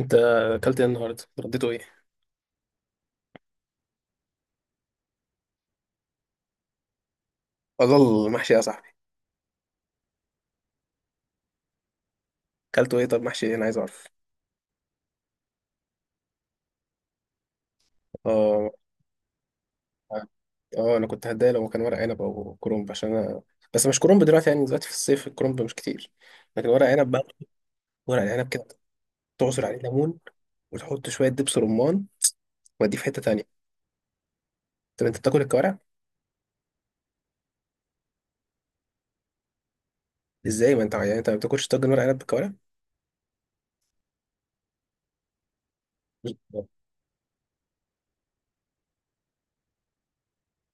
انت اكلت ايه النهارده رديته ايه؟ اضل محشي يا صاحبي. اكلته ايه؟ طب محشي ايه؟ انا عايز اعرف. اه اه انا كنت هتضايق لو كان ورق عنب او كرنب عشان انا، بس مش كرنب دلوقتي، يعني دلوقتي في الصيف الكرنب مش كتير، لكن ورق عنب بقى. ورق عنب كده، تعصر عليه ليمون وتحط شويه دبس رمان واديه في حته تانية. طب انت بتاكل الكوارع؟ ازاي ما انت، يعني انت ما بتاكلش طاجن ورق عنب بالكوارع؟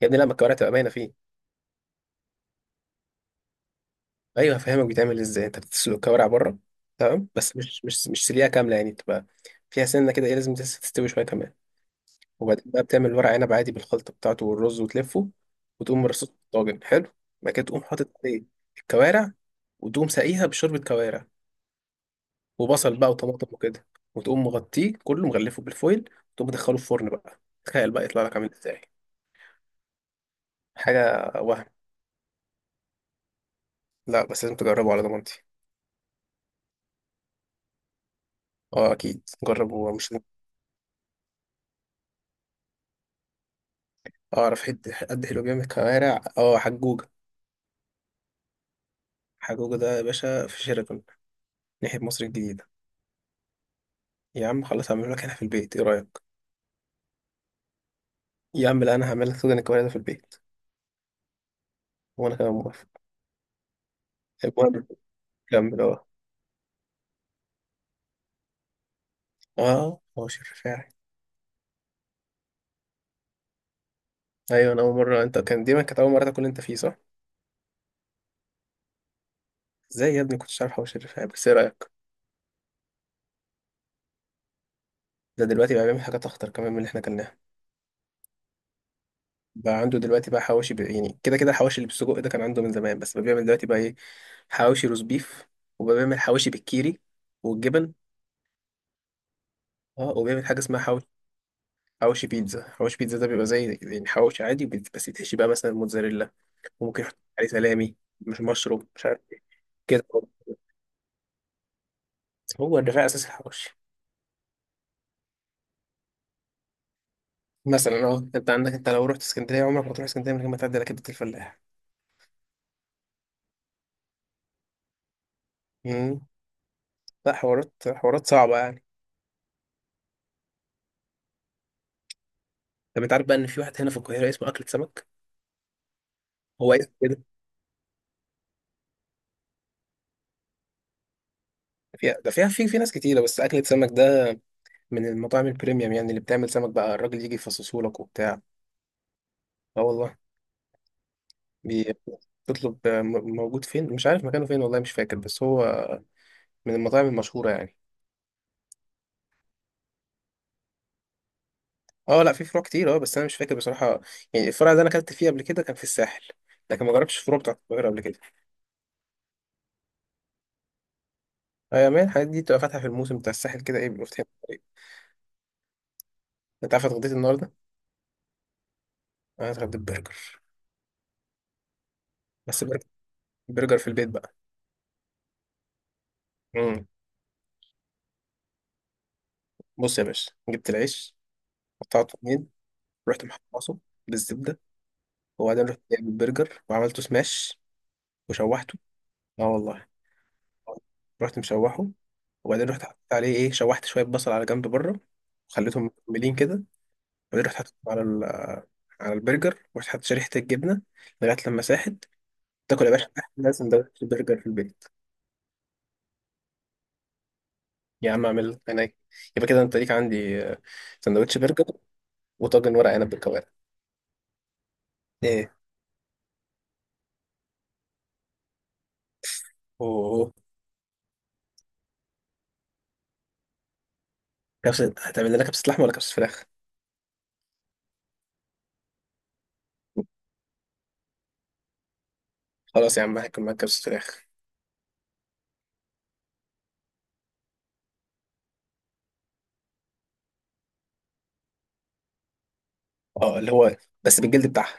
يا ابني لا، ما الكوارع تبقى باينه فيه. ايوه، هفهمك بيتعمل ازاي. انت بتسلق الكوارع بره، تمام، بس مش سليقه كامله، يعني بتبقى فيها سنه كده، ايه لازم تستوي شويه كمان. وبعدين بقى بتعمل ورق عنب عادي بالخلطه بتاعته والرز وتلفه، وتقوم مرصوص في الطاجن حلو. بعد كده تقوم حاطط عليه الكوارع، وتقوم ساقيها بشوربه كوارع وبصل بقى وطماطم وكده، وتقوم مغطيه كله مغلفه بالفويل وتقوم مدخله الفرن بقى. تخيل بقى يطلع لك عامل ازاي، حاجه وهم. لا بس لازم تجربه على ضمانتي. اه اكيد جربه. مش اعرف حد قد حلو جامد كوارع؟ اه حجوجة. حجوجة ده يا باشا في شيراتون، ناحية مصر الجديدة. يا عم خلاص هعمله لك هنا في البيت، ايه رأيك؟ يا عم لا، انا هعمل لك سودان الكوارع ده في البيت. وانا كمان موافق. المهم كمل. اه. اه، حوش الرفاعي. ايوه انا اول مرة، انت كان دي ما كانت اول مرة تاكل انت فيه صح؟ ازاي يا ابني كنتش عارف حوش الرفاعي؟ بس ايه رأيك؟ ده دلوقتي بقى بيعمل حاجات اخطر كمان من اللي احنا كلناها. بقى عنده دلوقتي بقى حواوشي، يعني كده كده الحواوشي اللي بالسجق ده كان عنده من زمان، بس بقى بيعمل دلوقتي بقى ايه: حواوشي روز بيف، وبقى بيعمل حواوشي بالكيري والجبن. اه وبيعمل حاجه اسمها حوش، حوش بيتزا. حوش بيتزا ده بيبقى زي يعني حوش عادي بس يتحشي بقى مثلا موتزاريلا، وممكن يحط عليه سلامي مش مشروم مش عارف ايه. كده. هو الرفاع اساس الحوش. مثلا اه انت عندك، انت لو رحت اسكندريه عمرك ما تروح اسكندريه من غير ما تعدي على كبده الفلاح. امم. لا حوارات، حوارات صعبه يعني. طب انت عارف بقى ان في واحد هنا في القاهره اسمه اكله سمك؟ هو اسم كده فيها، ده فيها في ناس كتيره، بس اكله سمك ده من المطاعم البريميوم يعني، اللي بتعمل سمك بقى الراجل يجي يفصصه لك وبتاع. اه والله. بي- بتطلب، موجود فين مش عارف مكانه فين والله مش فاكر، بس هو من المطاعم المشهورة يعني. اه لا في فروع كتير، اه بس انا مش فاكر بصراحة. يعني الفرع اللي انا اكلت فيه قبل كده كان في الساحل، لكن ما جربتش الفروع بتاعت القاهرة قبل كده. ايوه يا مان، الحاجات دي بتبقى فاتحة في الموسم بتاع الساحل كده، ايه بيبقى فاتحين في الطريق. انت عارف اتغديت النهاردة؟ انا اتغديت برجر. بس برجر، برجر في البيت بقى. امم. بص يا باشا، جبت العيش، قطعته اتنين، رحت محمصه بالزبدة. وبعدين رحت جايب البرجر وعملته سماش وشوحته. اه والله، رحت مشوحه. وبعدين رحت حطيت عليه ايه، شوحت شويه بصل على جنب بره، وخليتهم مكملين كده. وبعدين رحت حطيتهم على على البرجر، ورحت حطيت شريحه الجبنه لغايه لما ساحت. تاكل يا باشا احلى سندوتش برجر في البيت. يا عم اعمل هناك. يبقى كده انت ليك عندي سندوتش برجر وطاجن ورق عنب بالكوارع. ايه؟ اوه، كبسه. هتعمل لنا كبسه لحمه ولا كبسه فراخ؟ خلاص يا عم هاكل معاك كبسه فراخ. اه اللي هو، بس بالجلد بتاعها.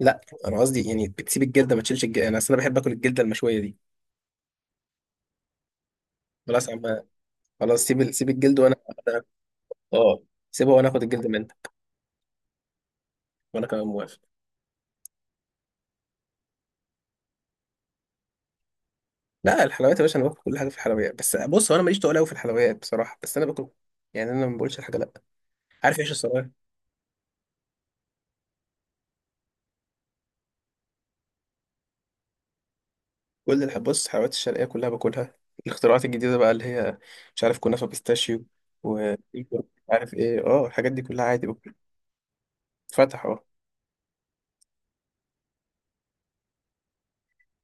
لا انا قصدي يعني بتسيب الجلده ما تشيلش الجلده، انا اصل انا بحب اكل الجلده المشويه دي. خلاص يا عم، خلاص سيب سيب الجلد وانا اه سيبه وانا اخد الجلد منك. وانا كمان موافق. لا الحلويات يا باشا، انا باكل كل حاجه في الحلويات، بس بص هو انا ماليش تقول قوي في الحلويات بصراحه، بس انا باكل. يعني انا ما بقولش الحاجه لا. عارف ايش الصراحه؟ كل الح... بص، الحلويات الشرقيه كلها باكلها. الاختراعات الجديده بقى اللي هي، مش عارف، كنافه بيستاشيو، و مش عارف ايه، اه الحاجات دي كلها عادي باكل. فتح اه.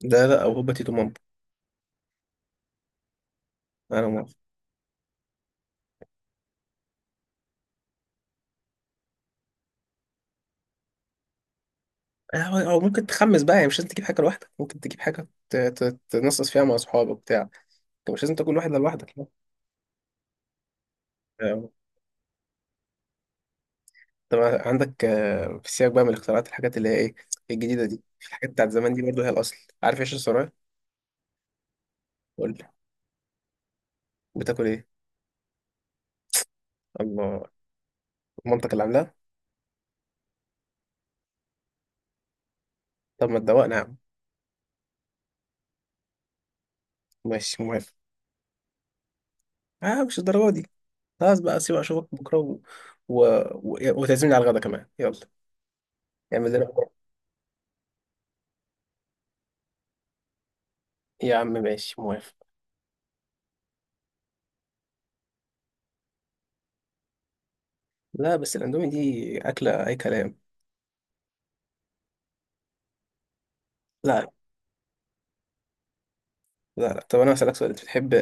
ده لا او هوبا تيتو مامبو. انا موافق. او ممكن تخمس بقى، يعني مش لازم تجيب حاجه لوحدك، ممكن تجيب حاجه تنصص فيها مع اصحابك بتاع انت مش لازم تاكل واحد لوحدك. آه. طب عندك آه، في السياق بقى، من الاختراعات الحاجات اللي هي ايه الجديدة دي، الحاجات بتاعت زمان دي برضه هي الأصل. عارف ايش الصراحة؟ قول لي. بتاكل ايه؟ الله. مامتك اللي عاملاها؟ طب ما تدوقنا يا عم. ماشي مهم. اه مش الدرجة دي. خلاص بقى سيبك، اشوفك بكرة و... و... و... وتعزمني على الغدا كمان، يلا. اعمل لنا بكرة يا عم، ماشي موافق. لا بس الاندومي دي أكلة أي كلام. لا لا طب أنا هسألك سؤال. أنت بتحب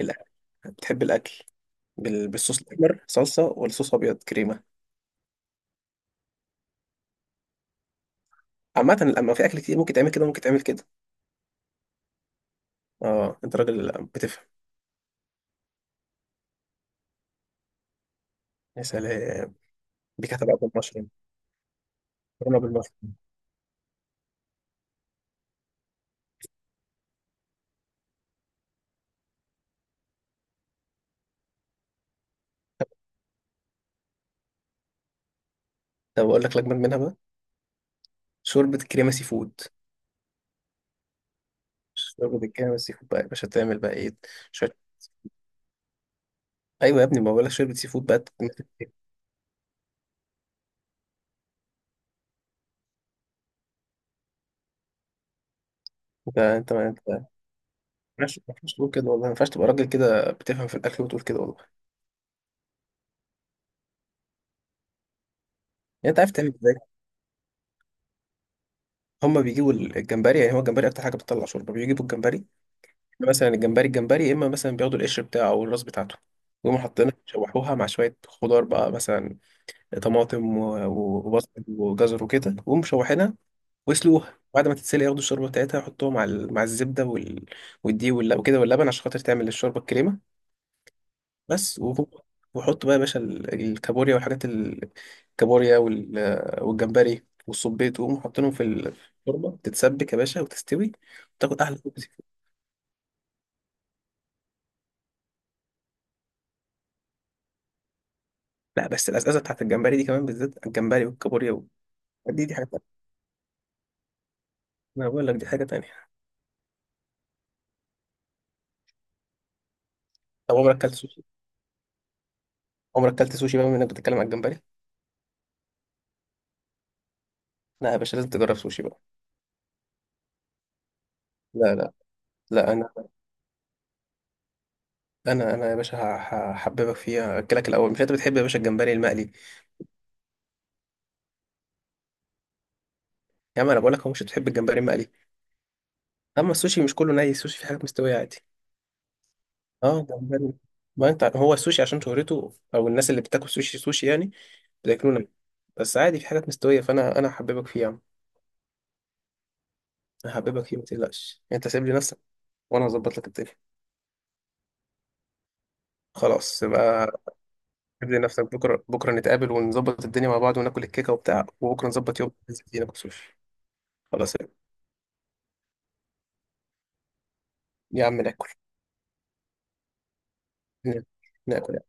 الأكل؟ بتحب الأكل بال... بالصوص الأحمر صلصة ولا صوص أبيض كريمة؟ عامة لما في أكل كتير ممكن تعمل كده ممكن تعمل كده. اه أنت راجل بتفهم. يا سلام. بيك هتبقى بالمشروم. مكرونة بالمشروم. طب أقول لك لجنة منها بقى: شوربة كريمة سي فود. شوربة الكريمة سي فود بقى يا باشا تعمل بقى إيه؟ شوية. أيوة يا ابني، ما بقول لك شوربة سي فود بقى تعمل كده. أنت ما ينفعش، ما ينفعش تقول كده والله، ما ينفعش تبقى راجل كده بتفهم في الأكل وتقول كده والله. يعني أنت عارف تعمل إزاي؟ هما بيجيبوا الجمبري، يعني هو الجمبري أكتر حاجة بتطلع شوربة، بيجيبوا الجمبري مثلا. الجمبري يا اما مثلا بياخدوا القشر بتاعه او الراس بتاعته، ويقوموا حاطينها يشوحوها مع شويه خضار بقى، مثلا طماطم وبصل وجزر وكده، ويقوموا مشوحينها. ويسلوها بعد ما تتسلق ياخدوا الشوربه بتاعتها يحطوها مع مع الزبده وال... والدقيق وكده واللبن عشان خاطر تعمل الشوربه الكريمه. بس وهو- وحط بقى يا باشا الكابوريا والحاجات الكابوريا وال... والجمبري والصبيط ويقوموا حاطينهم في الشوربه تتسبك يا باشا وتستوي وتاخد احلى. لا بس الأزازة بتاعت الجمبري دي كمان، بالذات الجمبري والكابوريا و- دي حاجة تانية. ما أنا بقول لك دي حاجة تانية. طب عمرك أكلت سوشي؟ عمرك أكلت سوشي بقى بما إنك بتتكلم عن الجمبري؟ لا يا باشا، لازم تجرب سوشي بقى. لا لا لا أنا يا باشا هحببك فيها. أكلك الأول، مش أنت بتحب يا باشا الجمبري المقلي؟ يا عم أنا بقول لك، هو مش بتحب الجمبري المقلي. أما السوشي مش كله ني، السوشي في حاجات مستوية عادي. أه جمبري. ما أنت هو السوشي عشان شهرته، أو الناس اللي بتاكل سوشي سوشي يعني بياكلونا، بس عادي في حاجات مستوية، فأنا هحببك فيها. هحببك فيه ما تقلقش، انت سايب لي نفسك وانا هظبط لك الدنيا. خلاص يبقى. ابني نفسك بكره، بكره نتقابل ونظبط الدنيا مع بعض وناكل الكيكه وبتاع، وبكره نظبط يوم ننزل فيه ناكل سوشي. خلاص يا عم ناكل. ناكل، ناكل يا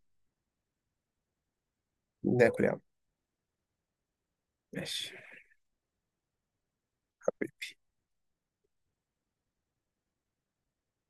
عم، ناكل يا عم. ماشي حبيبي.